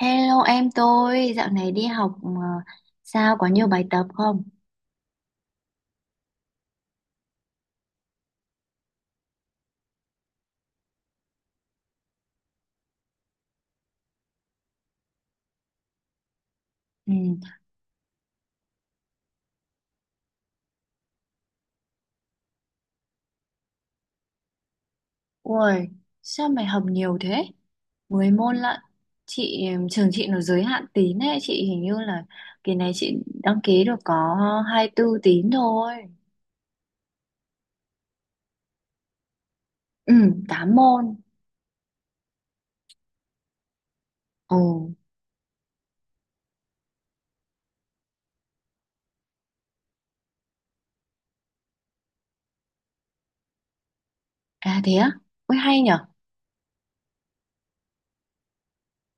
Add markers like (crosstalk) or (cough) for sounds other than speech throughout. Hello em tôi, dạo này đi học mà sao có nhiều bài tập không? Ừ. Ui, sao mày học nhiều thế? Mười môn lận. Chị trường chị nó giới hạn tín ấy, chị hình như là kỳ này chị đăng ký được có 24 tín thôi. Ừ, 8 môn. Ồ, à thế á? Ui hay nhở?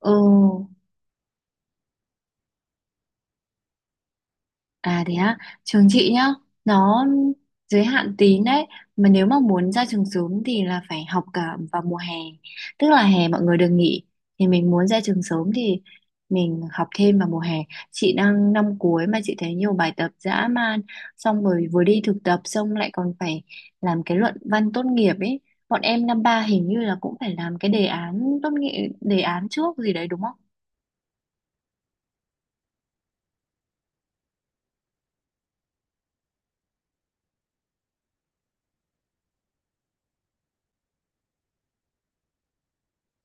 Ừ. À thế á, trường chị nhá, nó giới hạn tín đấy, mà nếu mà muốn ra trường sớm thì là phải học cả vào mùa hè, tức là hè mọi người được nghỉ, thì mình muốn ra trường sớm thì mình học thêm vào mùa hè. Chị đang năm cuối mà chị thấy nhiều bài tập dã man, xong rồi vừa đi thực tập xong lại còn phải làm cái luận văn tốt nghiệp ấy. Bọn em năm ba hình như là cũng phải làm cái đề án tốt nghiệp, đề án trước gì đấy đúng không?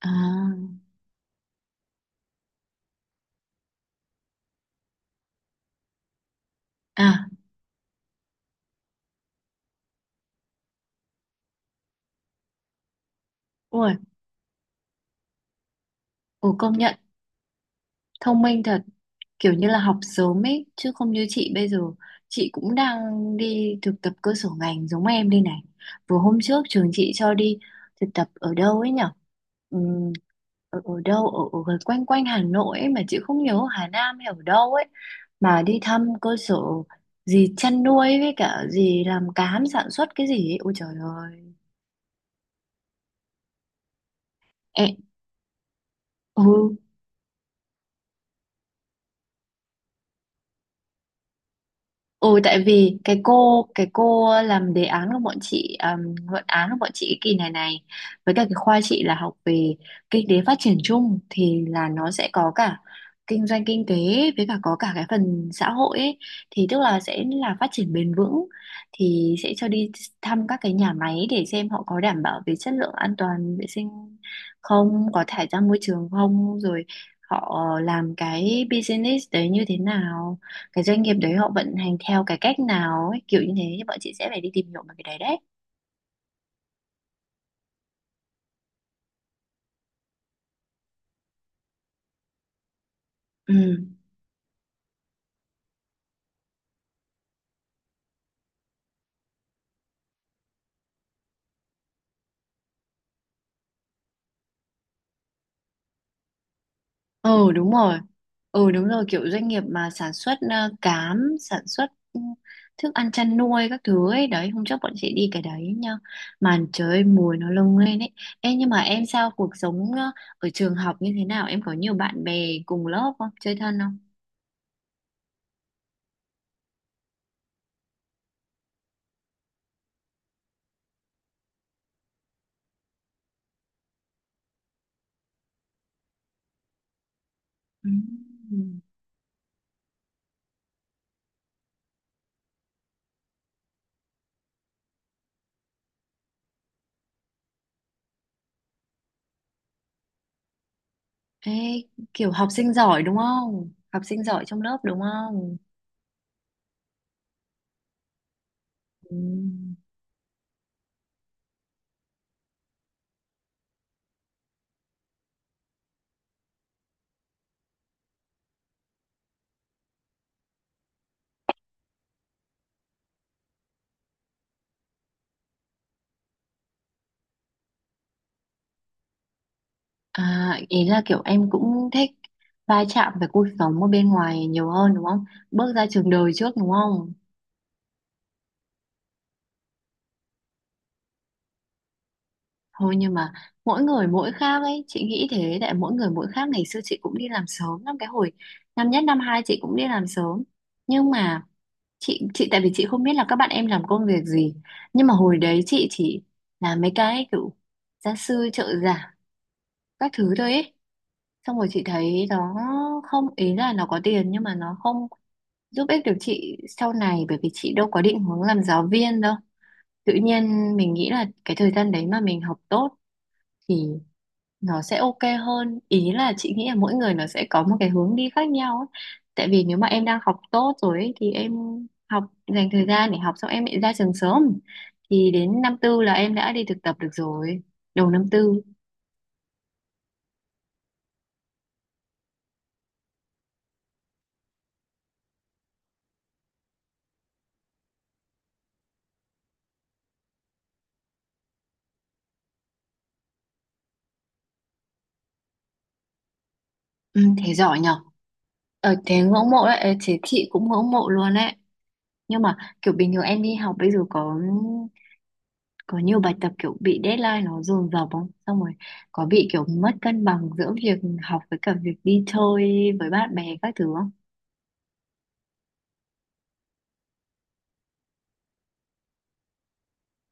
À, à, ui, ồ, công nhận thông minh thật. Kiểu như là học sớm ấy chứ không như chị bây giờ, chị cũng đang đi thực tập cơ sở ngành giống em đây này. Vừa hôm trước trường chị cho đi thực tập ở đâu ấy nhở. Ừm, ở gần quanh quanh Hà Nội ấy mà chị không nhớ Hà Nam hay ở đâu ấy, mà đi thăm cơ sở gì chăn nuôi với cả gì làm cám sản xuất cái gì ấy. Ôi trời ơi em, ừ. Ừ, tại vì cái cô làm đề án của bọn chị, luận án của bọn chị cái kỳ này này, với cả cái khoa chị là học về kinh tế phát triển chung, thì là nó sẽ có cả kinh doanh kinh tế, với cả có cả cái phần xã hội ấy. Thì tức là sẽ là phát triển bền vững thì sẽ cho đi thăm các cái nhà máy để xem họ có đảm bảo về chất lượng an toàn vệ sinh, không có thải ra môi trường không, rồi họ làm cái business đấy như thế nào, cái doanh nghiệp đấy họ vận hành theo cái cách nào ấy, kiểu như thế, thì bọn chị sẽ phải đi tìm hiểu về cái đấy đấy. Ừ, ừ đúng rồi. Ừ đúng rồi, kiểu doanh nghiệp mà sản xuất cám, sản xuất ừ, thức ăn chăn nuôi các thứ ấy đấy. Hôm trước bọn chị đi cái đấy nha, màn trời mùi nó lông lên ấy. Ê, nhưng mà em sao cuộc sống ở trường học như thế nào, em có nhiều bạn bè cùng lớp không, chơi thân không? Ừ. Ê, kiểu học sinh giỏi đúng không, học sinh giỏi trong lớp đúng không? Ừ. À, ý là kiểu em cũng thích va chạm với cuộc sống ở bên ngoài nhiều hơn đúng không? Bước ra trường đời trước đúng không? Thôi nhưng mà mỗi người mỗi khác ấy, chị nghĩ thế, tại mỗi người mỗi khác. Ngày xưa chị cũng đi làm sớm lắm, cái hồi năm nhất năm hai chị cũng đi làm sớm. Nhưng mà chị tại vì chị không biết là các bạn em làm công việc gì. Nhưng mà hồi đấy chị chỉ làm mấy cái kiểu gia sư trợ giả các thứ thôi ấy. Xong rồi chị thấy nó không, ý là nó có tiền nhưng mà nó không giúp ích được chị sau này, bởi vì chị đâu có định hướng làm giáo viên đâu. Tự nhiên mình nghĩ là cái thời gian đấy mà mình học tốt thì nó sẽ ok hơn, ý là chị nghĩ là mỗi người nó sẽ có một cái hướng đi khác nhau ấy. Tại vì nếu mà em đang học tốt rồi ấy, thì em học, dành thời gian để học, xong em lại ra trường sớm, thì đến năm tư là em đã đi thực tập được rồi, đầu năm tư. Ừ, thế giỏi nhở. Thế ngưỡng mộ đấy, thế chị cũng ngưỡng mộ luôn đấy. Nhưng mà kiểu bình thường em đi học bây giờ có nhiều bài tập kiểu bị deadline nó dồn dập không, xong rồi có bị kiểu mất cân bằng giữa việc học với cả việc đi chơi với bạn bè các thứ không?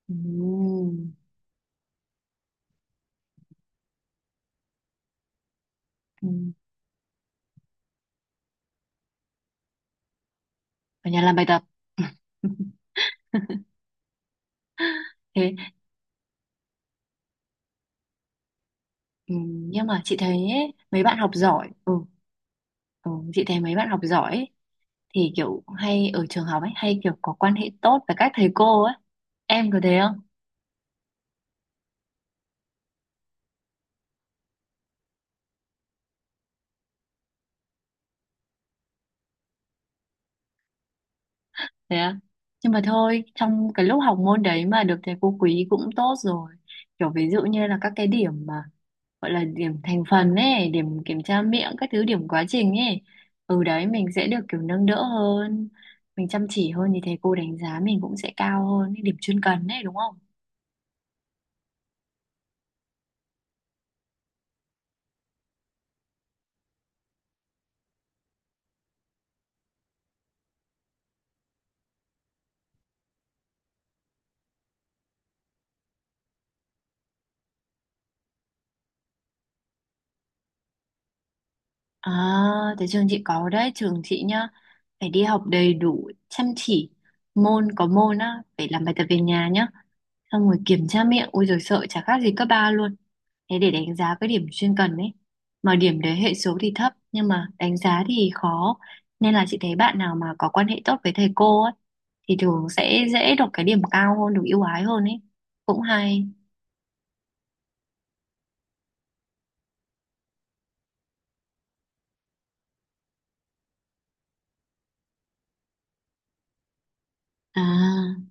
Ừm. Ừm, ở nhà làm bài tập. (laughs) Thế. Ừm, nhưng mà chị thấy ấy, mấy bạn học giỏi, ừ, ừ chị thấy mấy bạn học giỏi ấy, thì kiểu hay ở trường học ấy, hay kiểu có quan hệ tốt với các thầy cô ấy, em có thế? Thế à? Nhưng mà thôi, trong cái lúc học môn đấy mà được thầy cô quý cũng tốt rồi. Kiểu ví dụ như là các cái điểm mà gọi là điểm thành phần ấy, điểm kiểm tra miệng, các thứ điểm quá trình ấy. Ừ đấy, mình sẽ được kiểu nâng đỡ hơn, mình chăm chỉ hơn thì thầy cô đánh giá mình cũng sẽ cao hơn, cái điểm chuyên cần ấy đúng không? À, thế trường chị có đấy, trường chị nhá, phải đi học đầy đủ, chăm chỉ, môn có môn á, phải làm bài tập về nhà nhá, xong rồi kiểm tra miệng, ôi rồi sợ chả khác gì cấp 3 luôn, thế để đánh giá cái điểm chuyên cần ấy, mà điểm đấy hệ số thì thấp, nhưng mà đánh giá thì khó, nên là chị thấy bạn nào mà có quan hệ tốt với thầy cô ấy, thì thường sẽ dễ được cái điểm cao hơn, được ưu ái hơn ấy, cũng hay. À,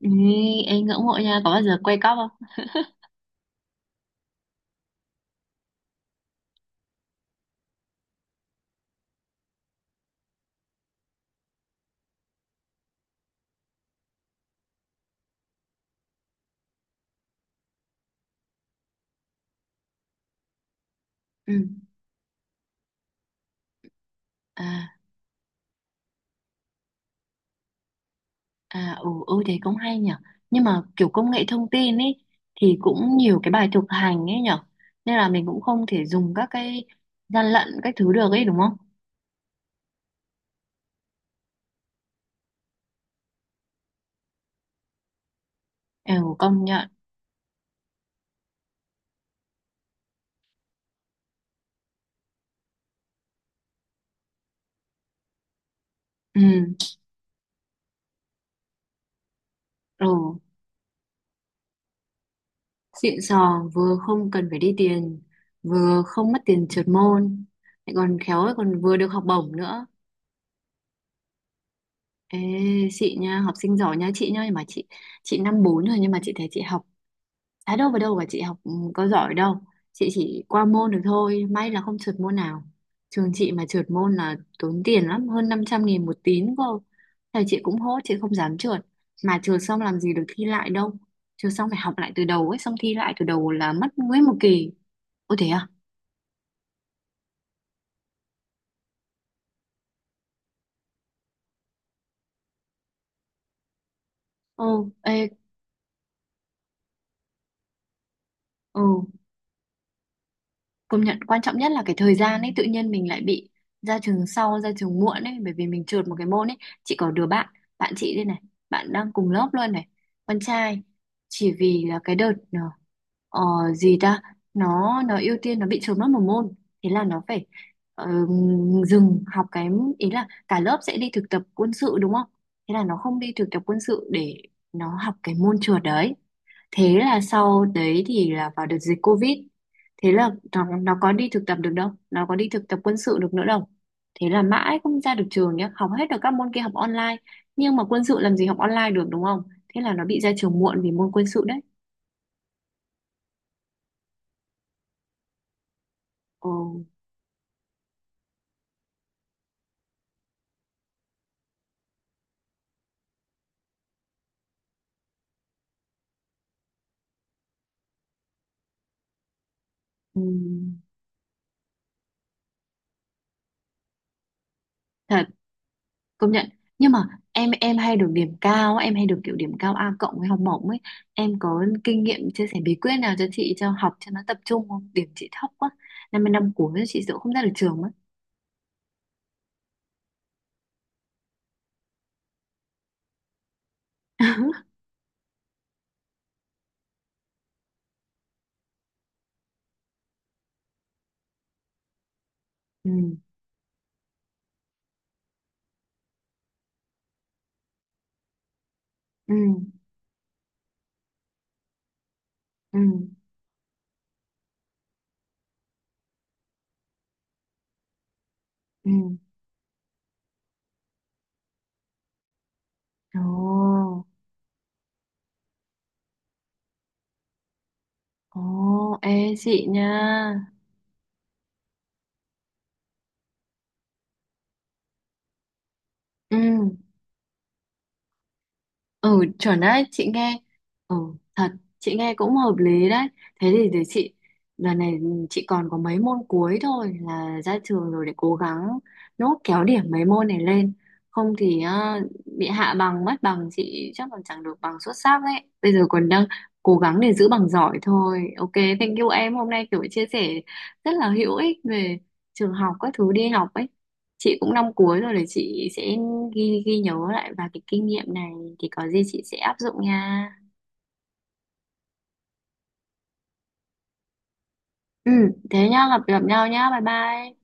ý, em ngưỡng mộ nha, có bao giờ quay cóp không? Ừ. À. À ừ, ừ thế cũng hay nhở. Nhưng mà kiểu công nghệ thông tin ấy thì cũng nhiều cái bài thực hành ấy nhở, nên là mình cũng không thể dùng các cái gian lận các thứ được ấy đúng không? Ừ công nhận. Ừ, ừ. Xịn sò, vừa không cần phải đi tiền, vừa không mất tiền trượt môn, lại còn khéo lại còn vừa được học bổng nữa. Ê, chị nha, học sinh giỏi nha, chị nha, nhưng mà chị năm bốn rồi nhưng mà chị thấy chị học Thái đâu vào đâu cả, chị học ừ, có giỏi đâu, chị chỉ qua môn được thôi, may là không trượt môn nào. Trường chị mà trượt môn là tốn tiền lắm, hơn 500.000 một tín cơ, thầy chị cũng hốt, chị không dám trượt. Mà trượt xong làm gì được thi lại đâu, trượt xong phải học lại từ đầu ấy, xong thi lại từ đầu là mất nguyên một kỳ. Ôi thế à. Ừ. Ê. Ừ. Công nhận quan trọng nhất là cái thời gian ấy, tự nhiên mình lại bị ra trường sau, ra trường muộn ấy, bởi vì mình trượt một cái môn ấy. Chị có đứa bạn, bạn chị đây này, bạn đang cùng lớp luôn này, con trai, chỉ vì là cái đợt ờ, gì ta, nó ưu tiên, nó bị trượt mất một môn, thế là nó phải ờ, dừng học cái, ý là cả lớp sẽ đi thực tập quân sự đúng không, thế là nó không đi thực tập quân sự để nó học cái môn trượt đấy. Thế là sau đấy thì là vào đợt dịch Covid, thế là nó có đi thực tập được đâu, nó có đi thực tập quân sự được nữa đâu, thế là mãi không ra được trường nhá, học hết được các môn kia học online, nhưng mà quân sự làm gì học online được đúng không, thế là nó bị ra trường muộn vì môn quân sự đấy. Ồ. Ừm, thật. Công nhận. Nhưng mà em hay được điểm cao á, em hay được kiểu điểm cao A cộng với học bổng ấy, em có kinh nghiệm chia sẻ bí quyết nào cho chị, cho học cho nó tập trung không, điểm chị thấp quá, năm mươi năm cuối chị sợ không ra được trường mất. (laughs) Ừ. Ừ. Ừ. Ừ. (laughs) Ồ. Ồ, ê chị nha. Ừ, ừ chuẩn đấy, chị nghe. Ừ, thật, chị nghe cũng hợp lý đấy. Thế thì để chị, đợt này chị còn có mấy môn cuối thôi là ra trường rồi, để cố gắng nốt kéo điểm mấy môn này lên. Không thì bị hạ bằng, mất bằng, chị chắc còn chẳng được bằng xuất sắc đấy. Bây giờ còn đang cố gắng để giữ bằng giỏi thôi. Ok, thank you em. Hôm nay kiểu chia sẻ rất là hữu ích về trường học các thứ đi học ấy. Chị cũng năm cuối rồi, để chị sẽ ghi ghi nhớ lại, và cái kinh nghiệm này thì có gì chị sẽ áp dụng nha. Ừ, thế nhá, gặp gặp nhau nhá, bye bye.